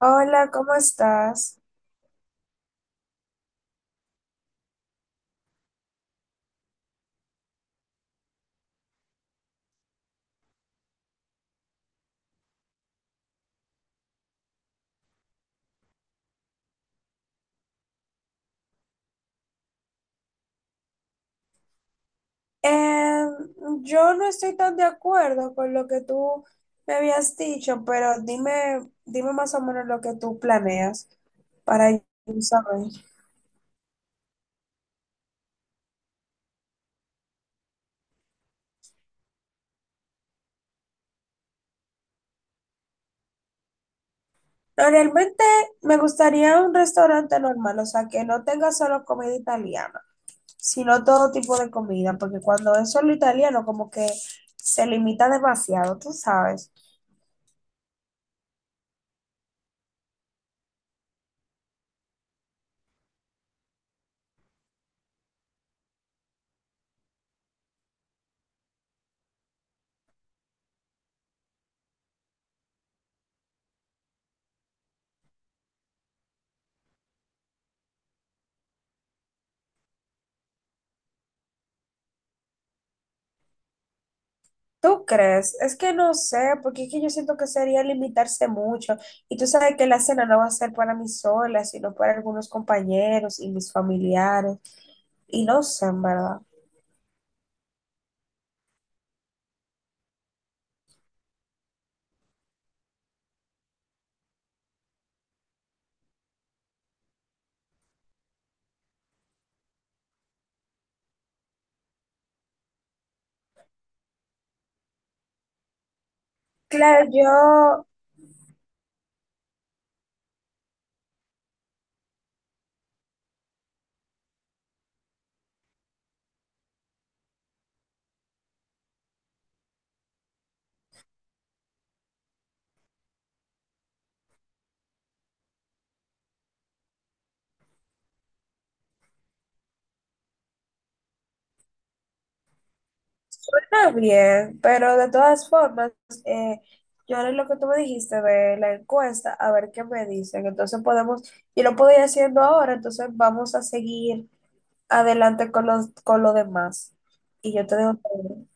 Hola, ¿cómo estás? Em, yo no estoy tan de acuerdo con lo que tú me habías dicho, pero dime más o menos lo que tú planeas para yo saber. No, realmente me gustaría un restaurante normal, o sea, que no tenga solo comida italiana, sino todo tipo de comida, porque cuando es solo italiano, como que se limita demasiado, tú sabes. ¿Tú crees? Es que no sé, porque es que yo siento que sería limitarse mucho. Y tú sabes que la cena no va a ser para mí sola, sino para algunos compañeros y mis familiares. Y no sé, en verdad. Claro, yo también, pero de todas formas, eh, yo haré lo que tú me dijiste de la encuesta, a ver qué me dicen. Entonces podemos, yo lo puedo ir haciendo ahora, entonces vamos a seguir adelante con los, con lo demás. Y yo te dejo saber.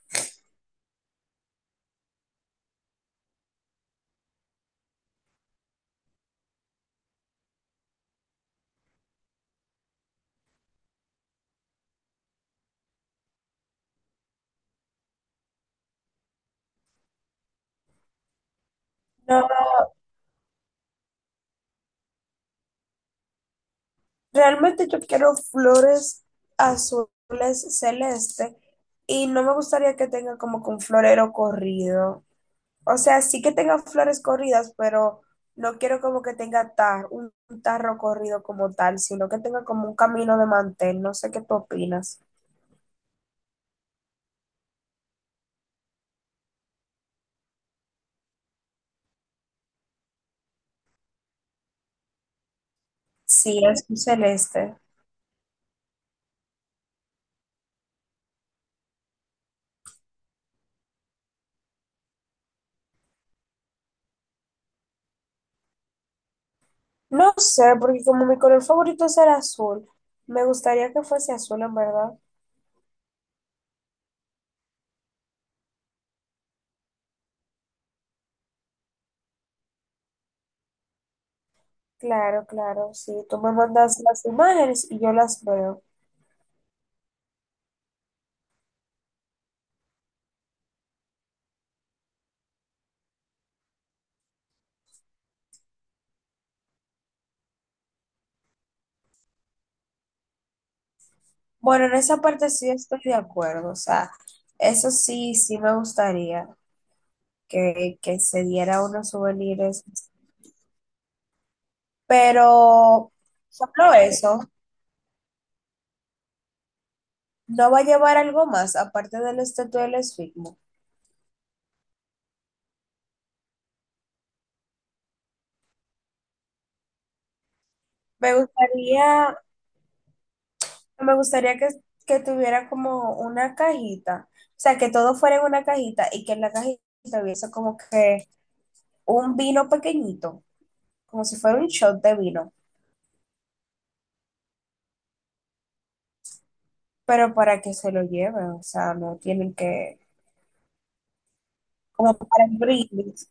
No, realmente yo quiero flores azules celeste y no me gustaría que tenga como que un florero corrido. O sea, sí que tenga flores corridas, pero no quiero como que tenga un tarro corrido como tal, sino que tenga como un camino de mantel. No sé qué tú opinas. Sí, es un celeste. No sé, porque como mi color favorito es el azul, me gustaría que fuese azul, en verdad. Claro, claro, sí. Tú me mandas las imágenes y yo las veo. Bueno, en esa parte sí estoy de acuerdo, o sea, eso sí, sí me gustaría que se diera unos souvenirs, pero solo eso, no va a llevar algo más aparte del estatua del esfigmo. Me gustaría, me gustaría que tuviera como una cajita, o sea, que todo fuera en una cajita y que en la cajita hubiese como que un vino pequeñito, como si fuera un shot de vino, pero para que se lo lleven, o sea, no tienen que, como para brindis.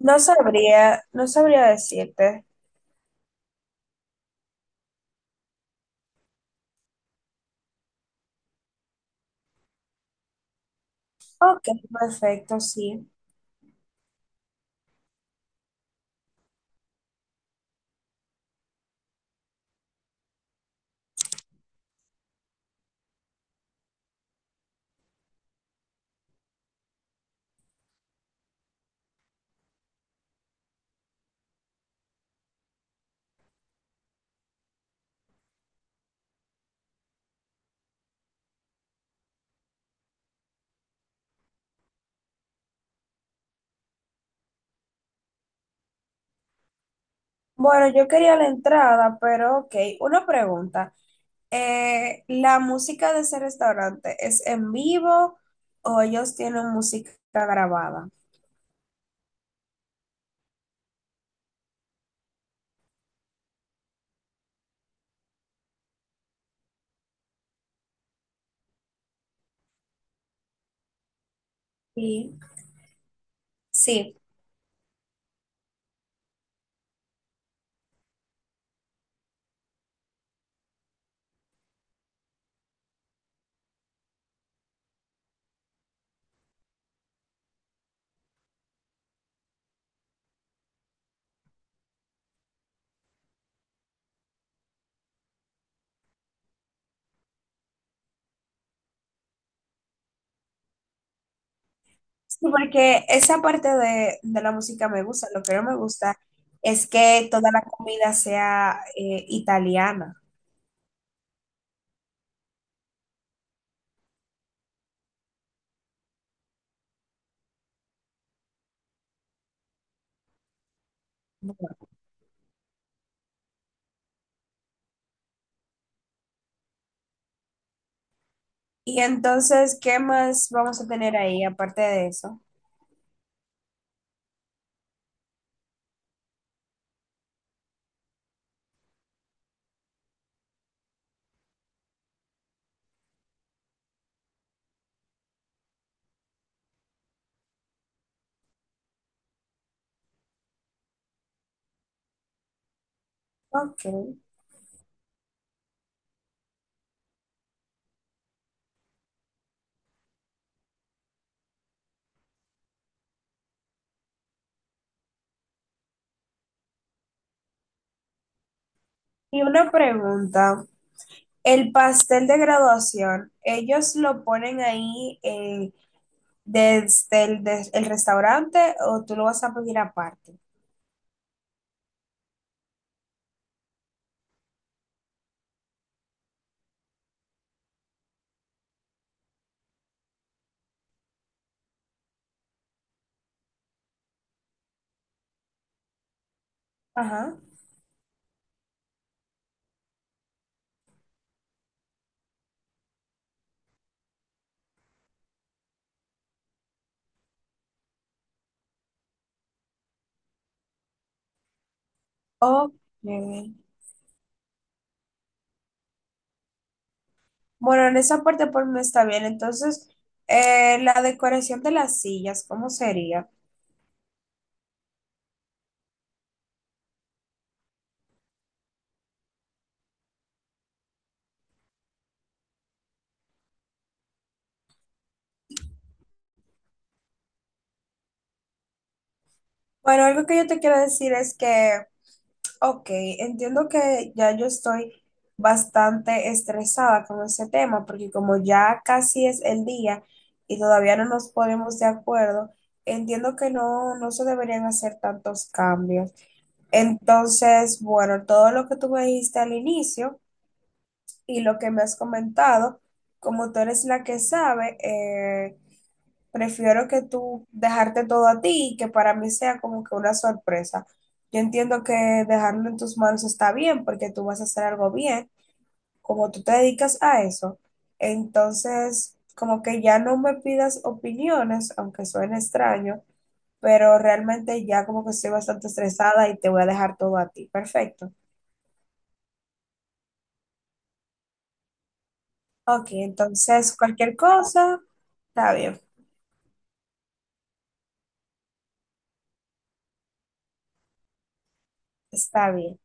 No sabría, no sabría decirte. Ok, perfecto, sí. Bueno, yo quería la entrada, pero ok, una pregunta. ¿La música de ese restaurante es en vivo o ellos tienen música grabada? Sí. Sí. Sí, porque esa parte de la música me gusta. Lo que no me gusta es que toda la comida sea italiana. Y entonces, ¿qué más vamos a tener ahí aparte de eso? Ok. Y una pregunta. El pastel de graduación, ¿ellos lo ponen ahí desde el, el restaurante o tú lo vas a pedir aparte? Ajá. Ok. Bueno, en esa parte por mí está bien. Entonces, la decoración de las sillas, ¿cómo sería? Bueno, algo que yo te quiero decir es que, ok, entiendo que ya yo estoy bastante estresada con ese tema, porque como ya casi es el día y todavía no nos ponemos de acuerdo, entiendo que no, no se deberían hacer tantos cambios. Entonces, bueno, todo lo que tú me dijiste al inicio y lo que me has comentado, como tú eres la que sabe, prefiero que tú dejarte todo a ti y que para mí sea como que una sorpresa. Yo entiendo que dejarlo en tus manos está bien porque tú vas a hacer algo bien, como tú te dedicas a eso. Entonces, como que ya no me pidas opiniones, aunque suene extraño, pero realmente ya como que estoy bastante estresada y te voy a dejar todo a ti. Perfecto. Ok, entonces cualquier cosa, está bien, está bien.